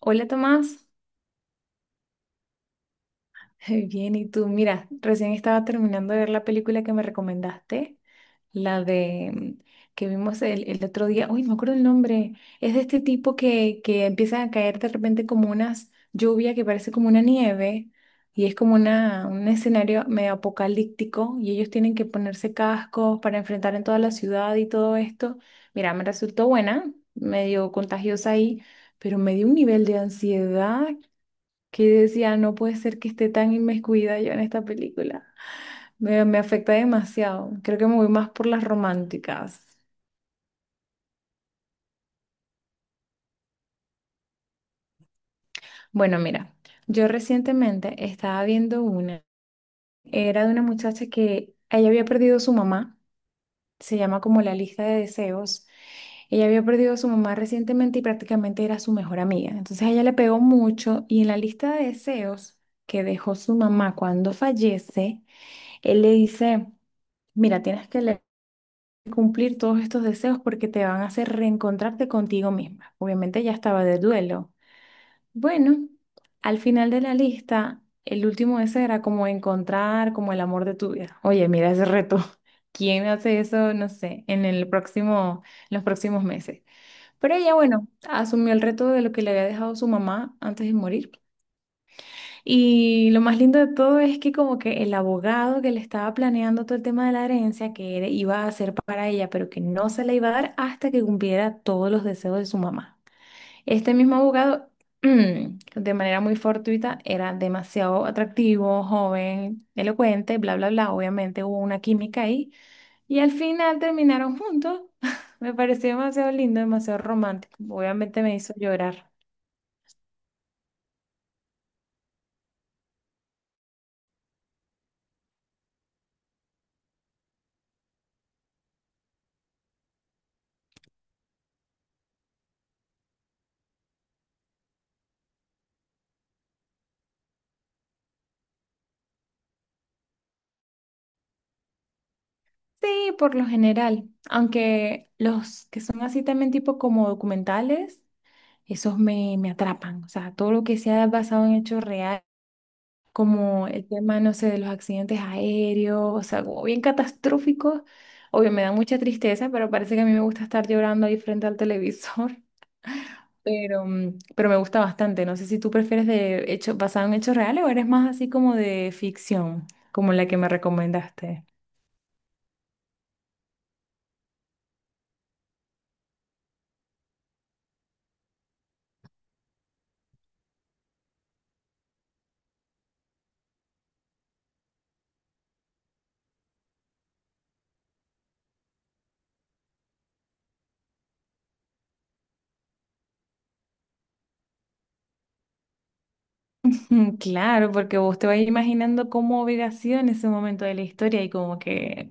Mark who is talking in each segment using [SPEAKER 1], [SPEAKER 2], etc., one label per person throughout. [SPEAKER 1] Hola Tomás. Bien, ¿y tú? Mira, recién estaba terminando de ver la película que me recomendaste, la de que vimos el otro día, uy, no me acuerdo el nombre, es de este tipo que empiezan a caer de repente como unas lluvia que parece como una nieve y es como una, un escenario medio apocalíptico y ellos tienen que ponerse cascos para enfrentar en toda la ciudad y todo esto. Mira, me resultó buena, medio contagiosa ahí, pero me dio un nivel de ansiedad que decía, no puede ser que esté tan inmiscuida yo en esta película. Me afecta demasiado. Creo que me voy más por las románticas. Bueno, mira, yo recientemente estaba viendo una. Era de una muchacha que ella había perdido a su mamá. Se llama como La lista de deseos. Ella había perdido a su mamá recientemente y prácticamente era su mejor amiga. Entonces a ella le pegó mucho y en la lista de deseos que dejó su mamá cuando fallece, él le dice, mira, tienes que leer. Cumplir todos estos deseos porque te van a hacer reencontrarte contigo misma. Obviamente ya estaba de duelo. Bueno, al final de la lista, el último deseo era como encontrar como el amor de tu vida. Oye, mira ese reto. ¿Quién hace eso? No sé, en el próximo, en los próximos meses. Pero ella, bueno, asumió el reto de lo que le había dejado su mamá antes de morir y lo más lindo de todo es que como que el abogado que le estaba planeando todo el tema de la herencia que era- iba a hacer para ella, pero que no se la iba a dar hasta que cumpliera todos los deseos de su mamá. Este mismo abogado, de manera muy fortuita, era demasiado atractivo, joven, elocuente, bla, bla, bla. Obviamente hubo una química ahí y al final terminaron juntos. Me pareció demasiado lindo, demasiado romántico. Obviamente me hizo llorar. Sí, por lo general, aunque los que son así también tipo como documentales, esos me atrapan, o sea, todo lo que sea basado en hechos reales, como el tema, no sé, de los accidentes aéreos, o sea, como bien catastróficos, obvio, me da mucha tristeza, pero parece que a mí me gusta estar llorando ahí frente al televisor, pero, pero me gusta bastante, no sé si tú prefieres de hechos basado en hechos reales o eres más así como de ficción, como la que me recomendaste. Claro, porque vos te vas imaginando cómo hubiera sido en ese momento de la historia y como que,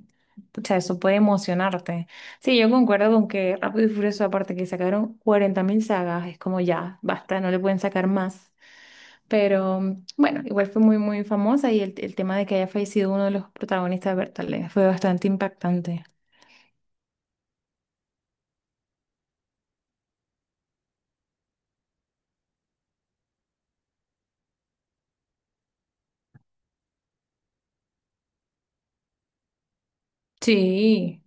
[SPEAKER 1] pucha, eso puede emocionarte. Sí, yo concuerdo con que Rápido y Furioso, aparte que sacaron 40.000 sagas, es como ya, basta, no le pueden sacar más. Pero bueno, igual fue muy, muy famosa y el tema de que haya fallecido uno de los protagonistas de Bertale fue bastante impactante. Sí,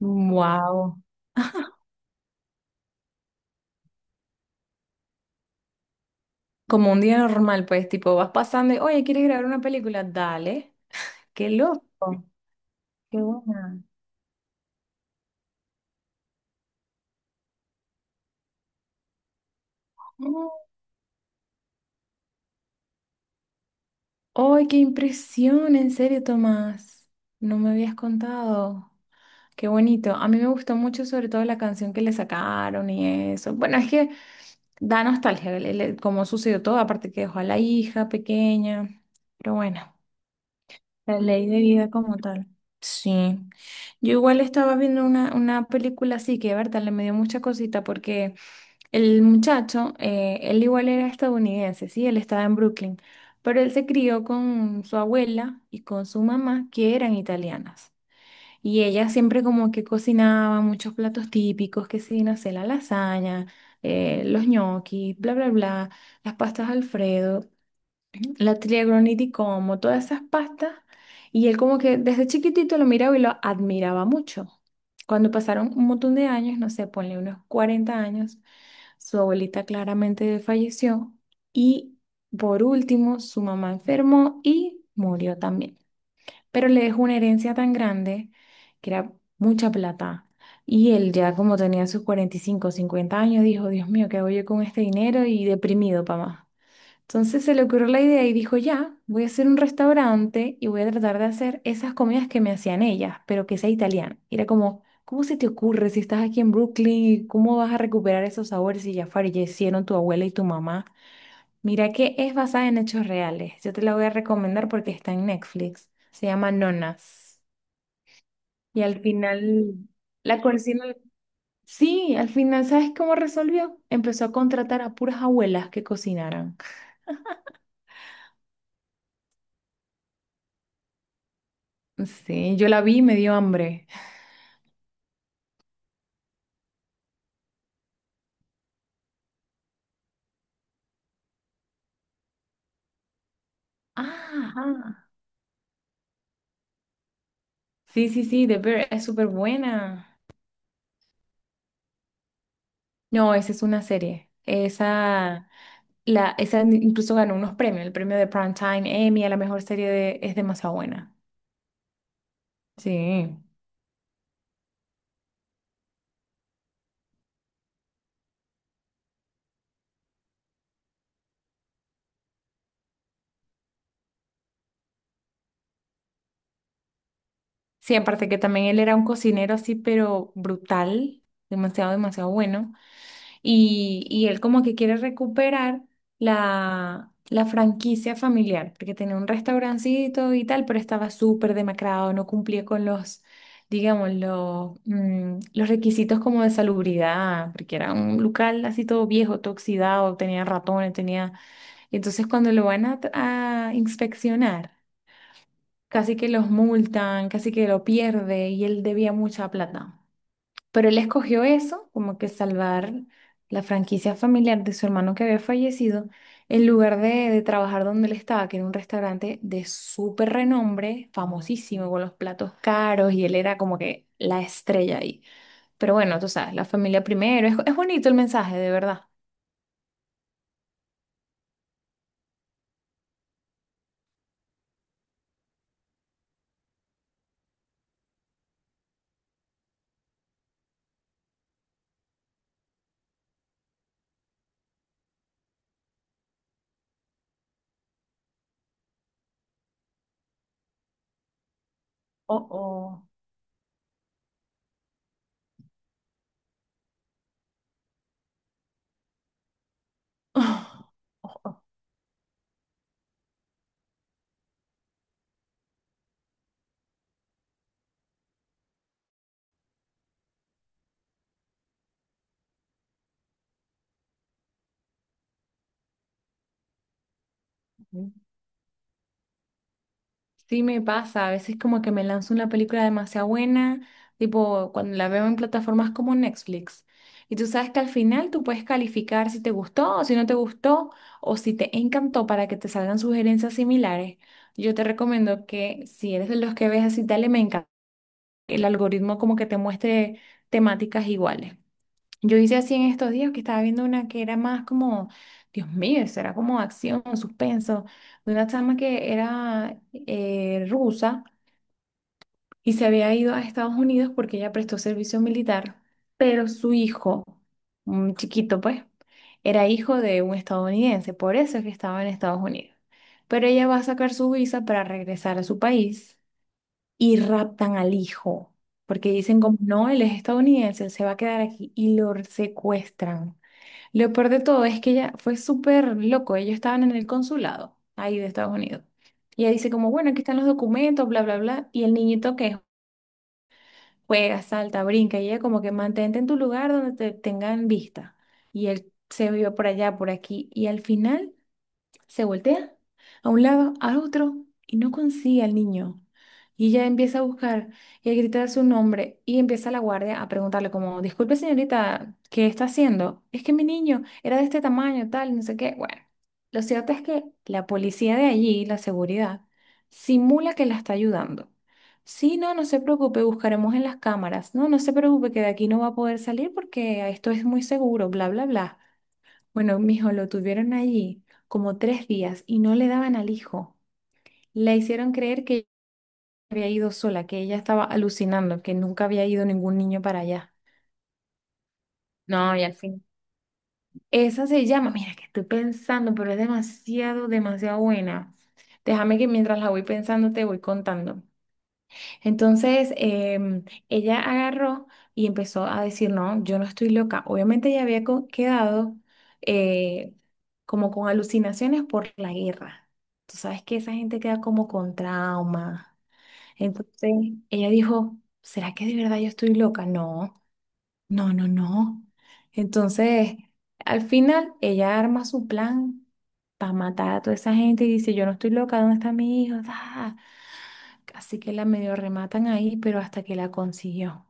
[SPEAKER 1] wow. Como un día normal, pues, tipo, vas pasando y, oye, ¿quieres grabar una película? Dale. Qué loco, qué buena. Oh. ¡Ay, qué impresión! En serio, Tomás. No me habías contado. Qué bonito. A mí me gustó mucho, sobre todo la canción que le sacaron y eso. Bueno, es que da nostalgia el cómo sucedió todo, aparte que dejó a la hija pequeña. Pero bueno, la ley de vida como tal. Sí. Yo igual estaba viendo una película así que, Berta, le me dio mucha cosita porque el muchacho, él igual era estadounidense, sí, él estaba en Brooklyn, pero él se crió con su abuela y con su mamá, que eran italianas. Y ella siempre como que cocinaba muchos platos típicos, que sí, no sé, la lasaña, los gnocchi, bla, bla, bla, las pastas Alfredo, la triagroni di Como, todas esas pastas. Y él como que desde chiquitito lo miraba y lo admiraba mucho. Cuando pasaron un montón de años, no sé, ponle unos 40 años. Su abuelita claramente falleció y por último su mamá enfermó y murió también. Pero le dejó una herencia tan grande que era mucha plata. Y él ya como tenía sus 45 o 50 años dijo, Dios mío, ¿qué hago yo con este dinero? Y deprimido, papá. Entonces se le ocurrió la idea y dijo, ya, voy a hacer un restaurante y voy a tratar de hacer esas comidas que me hacían ellas, pero que sea italiana. Y era como, ¿cómo se te ocurre si estás aquí en Brooklyn y cómo vas a recuperar esos sabores si ya fallecieron tu abuela y tu mamá? Mira que es basada en hechos reales. Yo te la voy a recomendar porque está en Netflix. Se llama Nonas. Y al final, la cocina... Sí, al final, ¿sabes cómo resolvió? Empezó a contratar a puras abuelas que cocinaran. Sí, yo la vi y me dio hambre. Ah, ajá. Sí, sí, sí, The Bear es súper buena. No, esa es una serie. Esa, la, esa incluso ganó unos premios, el premio de Primetime Emmy a la mejor serie de, es demasiado buena. Sí. Sí, aparte que también él era un cocinero así, pero brutal, demasiado, demasiado bueno. Y él como que quiere recuperar la franquicia familiar, porque tenía un restaurancito y tal, pero estaba súper demacrado, no cumplía con los, digamos, los, los requisitos como de salubridad, porque era un local así todo viejo, todo oxidado, tenía ratones, tenía... Y entonces cuando lo van a inspeccionar, casi que los multan, casi que lo pierde y él debía mucha plata. Pero él escogió eso, como que salvar la franquicia familiar de su hermano que había fallecido, en lugar de trabajar donde él estaba, que era un restaurante de súper renombre, famosísimo, con los platos caros, y él era como que la estrella ahí. Pero bueno, tú sabes, la familia primero, es bonito el mensaje, de verdad. Oh, oh. Sí me pasa, a veces como que me lanzo una película demasiado buena, tipo cuando la veo en plataformas como Netflix. Y tú sabes que al final tú puedes calificar si te gustó o si no te gustó o si te encantó para que te salgan sugerencias similares. Yo te recomiendo que si eres de los que ves así, dale me encanta, el algoritmo como que te muestre temáticas iguales. Yo hice así en estos días que estaba viendo una que era más como, Dios mío, eso era como acción, suspenso, de una chama que era rusa y se había ido a Estados Unidos porque ella prestó servicio militar, pero su hijo, un chiquito pues, era hijo de un estadounidense, por eso es que estaba en Estados Unidos. Pero ella va a sacar su visa para regresar a su país y raptan al hijo, porque dicen como, no, él es estadounidense, él se va a quedar aquí y lo secuestran. Lo peor de todo es que ella fue súper loco. Ellos estaban en el consulado ahí de Estados Unidos. Y ella dice como, bueno, aquí están los documentos, bla, bla, bla. Y el niñito que juega, salta, brinca, y ella como que mantente en tu lugar donde te tengan vista. Y él se vio por allá, por aquí. Y al final se voltea a un lado, a otro, y no consigue al niño. Y ella empieza a buscar y a gritar su nombre y empieza la guardia a preguntarle como, disculpe señorita, ¿qué está haciendo? Es que mi niño era de este tamaño, tal, no sé qué. Bueno, lo cierto es que la policía de allí, la seguridad, simula que la está ayudando. Sí, no, no se preocupe, buscaremos en las cámaras. No, no se preocupe que de aquí no va a poder salir porque esto es muy seguro, bla, bla, bla. Bueno, mijo, lo tuvieron allí como 3 días y no le daban al hijo. Le hicieron creer que había ido sola, que ella estaba alucinando, que nunca había ido ningún niño para allá. No, y al fin. Esa se llama, mira que estoy pensando, pero es demasiado, demasiado buena. Déjame que mientras la voy pensando te voy contando. Entonces, ella agarró y empezó a decir, no, yo no estoy loca. Obviamente ella había co- quedado eh, como con alucinaciones por la guerra. Tú sabes que esa gente queda como con trauma. Entonces, ella dijo, ¿será que de verdad yo estoy loca? No, no, no, no. Entonces, al final, ella arma su plan para matar a toda esa gente y dice, yo no estoy loca, ¿dónde está mi hijo? Ah. Así que la medio rematan ahí, pero hasta que la consiguió.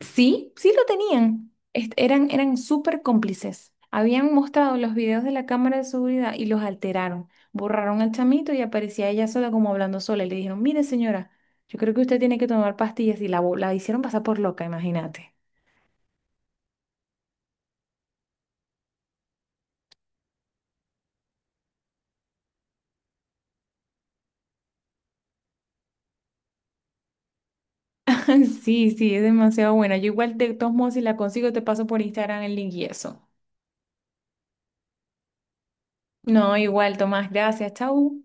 [SPEAKER 1] Sí, sí lo tenían. Est- eran eran súper cómplices. Habían mostrado los videos de la cámara de seguridad y los alteraron. Borraron al chamito y aparecía ella sola como hablando sola. Y le dijeron, mire señora, yo creo que usted tiene que tomar pastillas y la, bo- la hicieron pasar por loca, imagínate. Sí, sí, es demasiado buena. Yo igual de todos modos, si la consigo, te paso por Instagram el link y eso. No, igual, Tomás, gracias, chau.